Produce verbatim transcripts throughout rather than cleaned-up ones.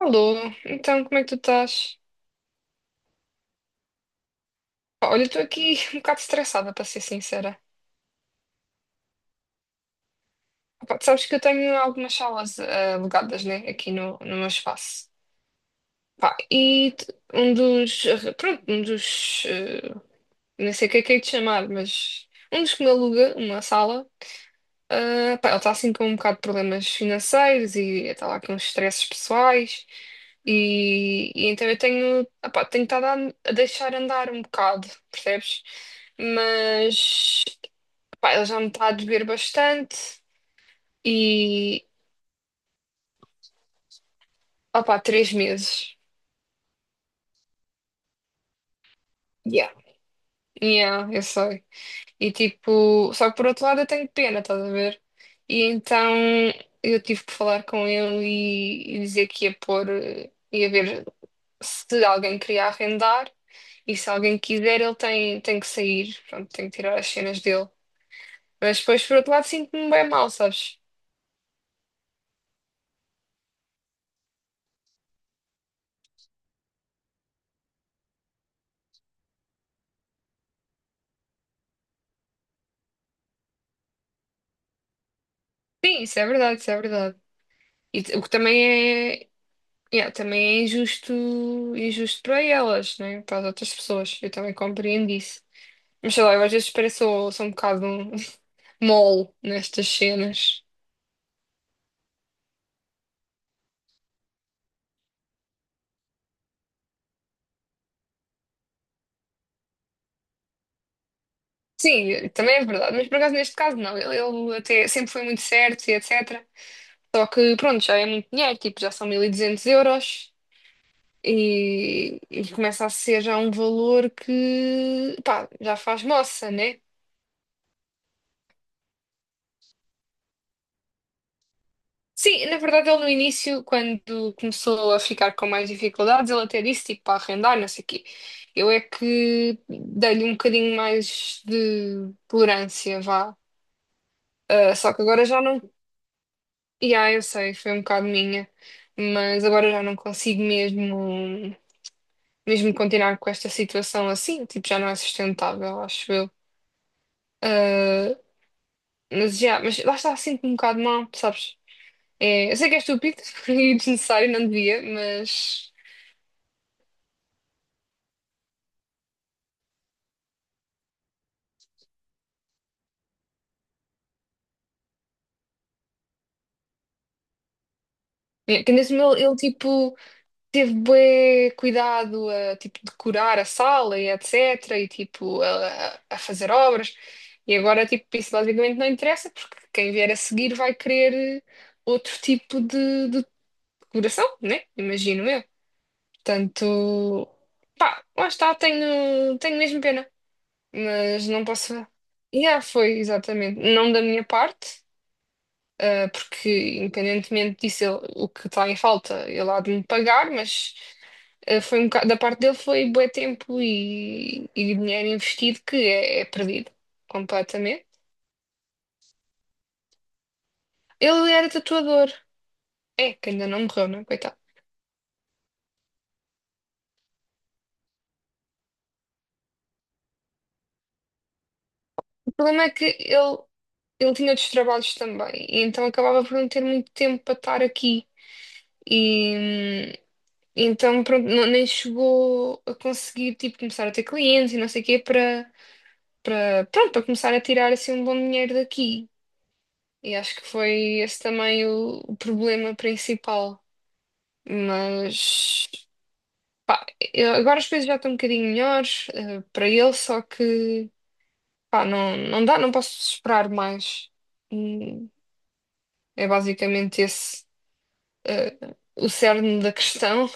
Alô, então como é que tu estás? Pá, olha, estou aqui um bocado estressada, para ser sincera. Pá, tu sabes que eu tenho algumas salas eh, alugadas, né, aqui no, no meu espaço. Pá, e t- um dos, pronto, um dos, eh, não sei o que é que é de chamar, mas um dos que me aluga uma sala. Ah, pá, ela está assim com um bocado de problemas financeiros e está lá com uns estresses pessoais e, e então eu tenho, ah, pá, tenho estado a, a deixar andar um bocado, percebes? Mas, pá, ela já me está a beber bastante e, ah, pá, três meses. Yeah. Yeah, eu sei. E tipo, só que por outro lado eu tenho pena, estás a ver? E então eu tive que falar com ele e, e dizer que ia pôr, eh, ia ver se alguém queria arrendar, e se alguém quiser, ele tem, tem que sair, pronto, tem que tirar as cenas dele. Mas depois, por outro lado, sinto-me bem mal, sabes? Sim, isso é verdade, isso é verdade. E t- o que também é, yeah, também é injusto, injusto para elas, né? Para as outras pessoas. Eu também compreendo isso. Mas sei lá, eu às vezes pareço, sou um bocado mole nestas cenas. Sim, também é verdade, mas por acaso neste caso não. Ele, ele até sempre foi muito certo e e tal. Só que pronto, já é muito dinheiro, tipo, já são mil e duzentos euros e, e começa a ser já um valor que, pá, já faz moça, né? Sim, na verdade ele no início, quando começou a ficar com mais dificuldades, ele até disse, tipo, para arrendar, não sei o quê. Eu é que dei-lhe um bocadinho mais de tolerância, vá. Ah, só que agora já não... E ah, eu sei, foi um bocado minha, mas agora já não consigo mesmo. mesmo continuar com esta situação assim, tipo, já não é sustentável, acho eu. Ah, mas já, mas lá está, sinto-me um bocado mal, sabes? É, eu sei que é estúpido e desnecessário, não devia, mas. É, que nesse meu, ele, tipo, teve bué cuidado a, tipo, decorar a sala e etcétera. E, tipo, a, a fazer obras. E agora, tipo, isso basicamente não interessa, porque quem vier a seguir vai querer outro tipo de, de decoração, né? Imagino eu. Portanto. Lá está, tenho, tenho mesmo pena, mas não posso. Yeah, foi exatamente. Não da minha parte, ah, porque independentemente disso, ele- o que está em falta, ele há de me pagar, mas ah, foi um bocado, da parte dele foi bué tempo e, e dinheiro investido que é, é perdido completamente. Ele era tatuador, é, que ainda não morreu, não é? Coitado. O problema é que ele, ele tinha outros trabalhos também, e então acabava por não ter muito tempo para estar aqui. E hum, então, pronto, não- nem chegou a conseguir, tipo, começar a ter clientes e não sei o quê para, para, pronto, para começar a tirar, assim, um bom dinheiro daqui. E acho que foi esse também o, o problema principal. Mas, pá, eu- agora as coisas já estão um bocadinho melhores, eh, para ele, só que, pá, não, não dá, não posso esperar mais. Hum, É basicamente esse, eh, o cerne da questão.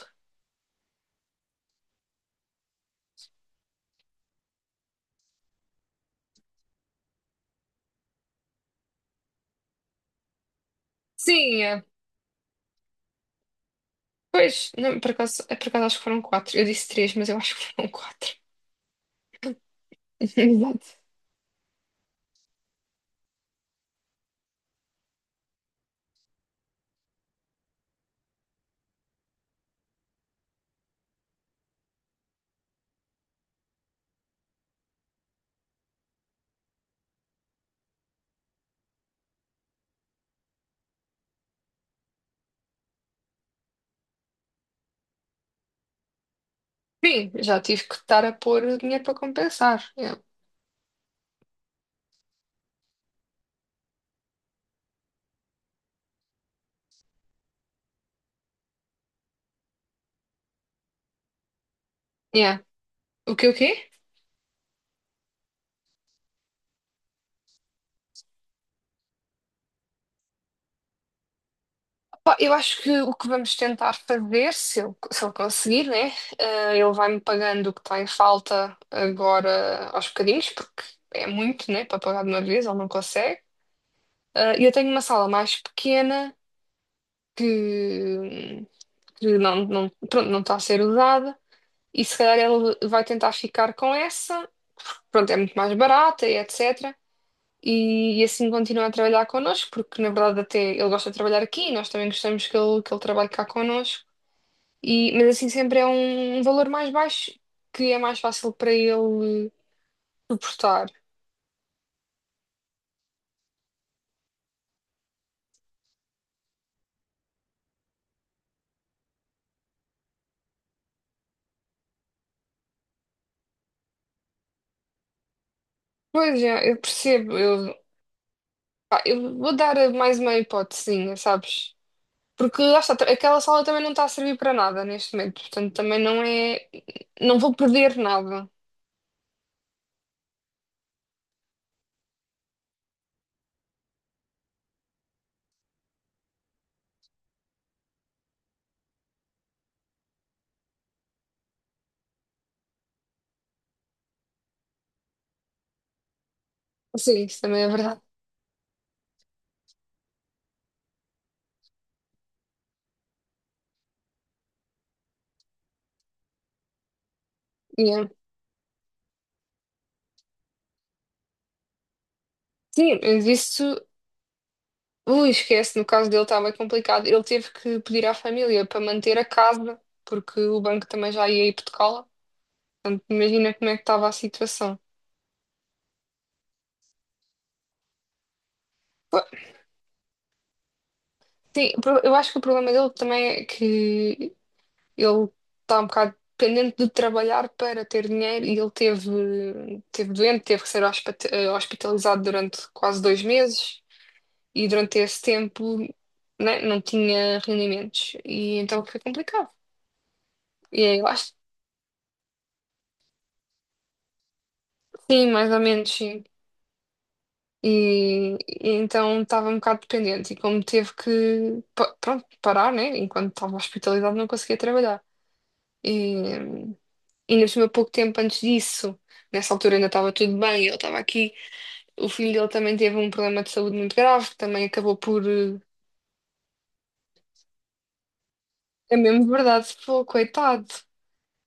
Sim, pois, não, por acaso, é, por acaso acho que foram quatro. Eu disse três, mas eu acho que foram quatro. Exato. Sim, já tive que estar a pôr dinheiro para compensar. Yeah. Yeah. O que o quê? Pá, eu acho que o que vamos tentar fazer, se eu, se eu conseguir, né? eh, ele vai-me pagando o que está em falta agora aos bocadinhos, porque é muito, né? Para pagar de uma vez, ele não consegue. Eh, E eu tenho uma sala mais pequena que, que não, não, pronto, não está a ser usada. E se calhar ele vai tentar ficar com essa, pronto, é muito mais barata e etcétera. E, e assim continua a trabalhar connosco, porque na verdade até ele gosta de trabalhar aqui e nós também gostamos que ele, que ele trabalhe cá connosco. E, mas assim sempre é um, um valor mais baixo que é mais fácil para ele suportar. Pois é, eu percebo, eu, pá, eu vou dar mais uma hipotesinha, sabes? Porque lá está, aquela sala também não está a servir para nada neste momento, portanto também não é, não vou perder nada. Sim, isso também é verdade. Yeah. Sim, mas isso, ui, esquece, no caso dele estava complicado. Ele teve que pedir à família para manter a casa, porque o banco também já ia hipotecá-la. Portanto, imagina como é que estava a situação. Pô, sim, o pro- eu acho que o problema dele também é que ele está um bocado dependente de trabalhar para ter dinheiro e ele teve, teve doente, teve que ser hospita- eh, hospitalizado durante quase dois meses. E durante esse tempo, né, não tinha rendimentos e então foi complicado. E aí lá, est- sim, mais ou menos, sim. E, e então estava um bocado dependente e como teve que, pa- pronto, parar, né, enquanto estava hospitalizado não conseguia trabalhar. E, e nesse meu pouco tempo antes disso, nessa altura ainda estava tudo bem, ele estava aqui, o filho dele também teve um problema de saúde muito grave, que também acabou por... eh, É mesmo verdade, pô, coitado.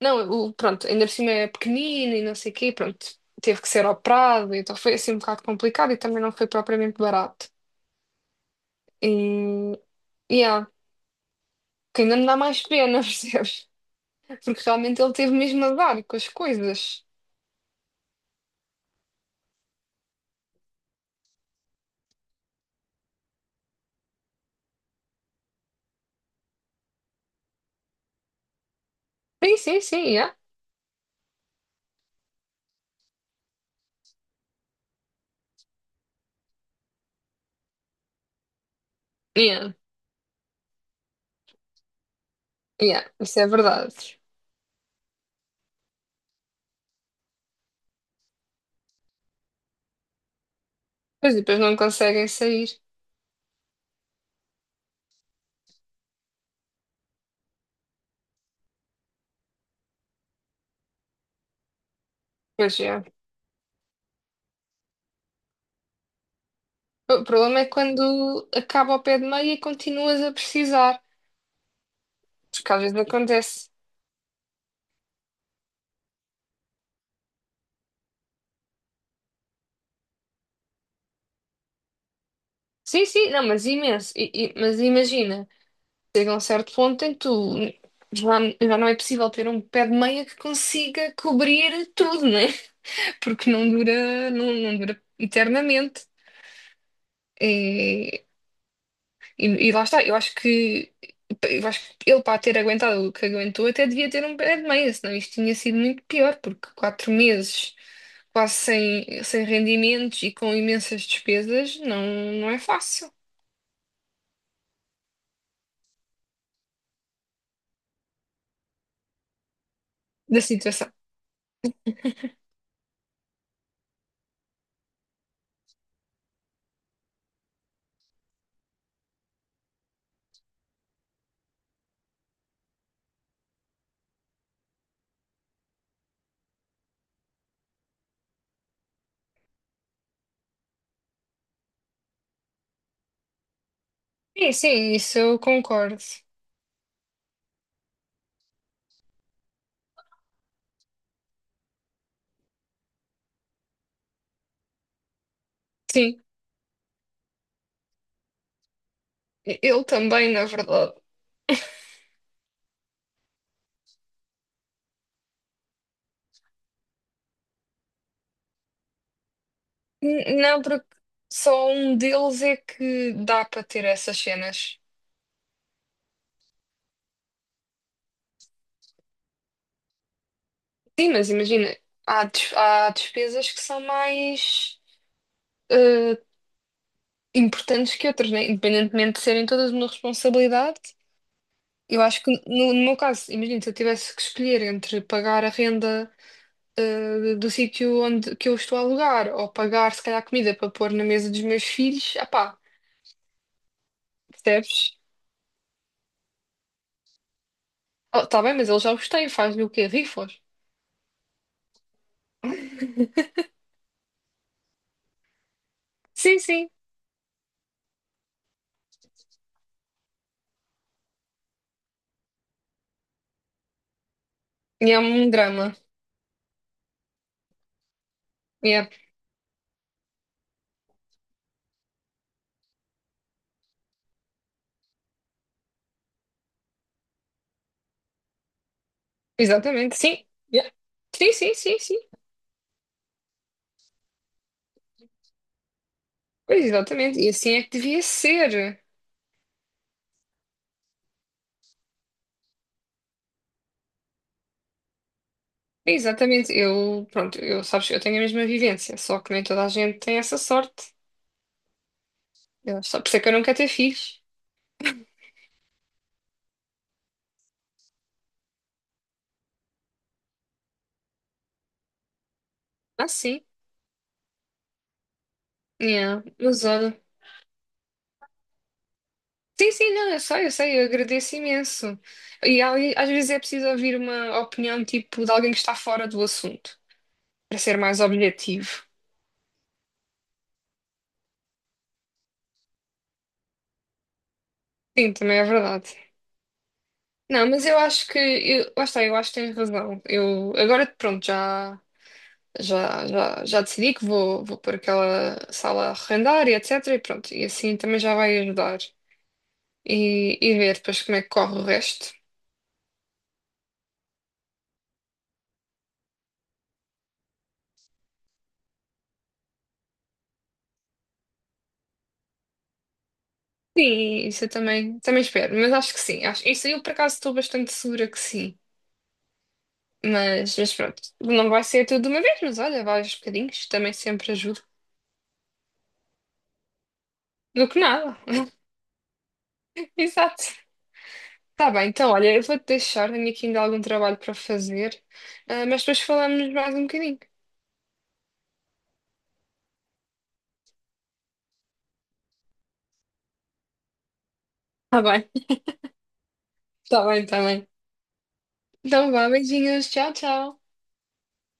Não, o, pronto, ainda por cima é pequenino e não sei o quê, pronto, teve que ser operado, então foi assim um bocado complicado e também não foi propriamente barato. E, e há, que ainda me dá mais pena, percebes? Porque realmente ele teve mesmo a dar com as coisas. Sim, sim, sim, yeah. Yeah, yeah, isso é verdade. Pois e depois não conseguem sair. Pois é. O problema é quando acaba ao pé de meia e continuas a precisar, porque às vezes acontece. Sim, sim, não, mas imenso, e e mas imagina. Chega a um certo ponto em que tu já, já não é possível ter um pé de meia que consiga cobrir tudo, né? Porque não dura, não, não dura eternamente. É, e, e lá está, eu acho que eu acho que ele para ter aguentado o que aguentou até devia ter um pé de meia, senão isto tinha sido muito pior, porque quatro meses quase sem, sem rendimentos e com imensas despesas não, não é fácil da situação. Sim, sim, isso eu concordo. Sim, eu também, na verdade. N- Não, porque só um deles é que dá para ter essas cenas. Sim, mas imagina, há, des- há despesas que são mais eh, importantes que outras, né? Independentemente de serem todas uma responsabilidade. Eu acho que no, no meu caso, imagina, se eu tivesse que escolher entre pagar a renda eh, do sítio onde que eu estou a alugar ou pagar, se calhar, comida para pôr na mesa dos meus filhos, ah, pá, percebes? Oh, tá bem, mas eles já os têm, faz-lhe o quê? Rifos? Sim, sim. E é um drama. Exatamente, sim. Yeah. Sim, sim, sim, sim. Pois, exatamente. E assim é que devia ser. Exatamente. Eu, pronto, eu, sabes, eu tenho a mesma vivência, só que nem toda a gente tem essa sorte. Eu, só por isso é que eu não quero ter filhos. Ah, sim. Yeah. Mas olha. Sim, sim, não, eu sei, eu sei, eu agradeço imenso. E ali, às vezes é preciso ouvir uma opinião, tipo, de alguém que está fora do assunto, para ser mais objetivo. Sim, também é verdade. Não, mas eu acho que, eu, lá está, eu acho que tens razão. Eu, agora, pronto, já. já, já, já decidi que vou, vou pôr aquela sala a arrendar e e tal. E pronto, e assim também já vai ajudar. E, e ver depois como é que corre o resto. Sim, isso eu também, também espero, mas acho que sim. Acho, isso eu por acaso estou bastante segura que sim. Mas, mas pronto, não vai ser tudo de uma vez, mas olha, vários bocadinhos também sempre ajuda. Do que nada. Exato. Tá bem, então olha, eu vou-te deixar, tenho aqui ainda algum trabalho para fazer, ah, mas depois falamos mais um bocadinho. Tá bem, tá bem, tá bem. Então, vá, beijinhos. Tchau, tchau.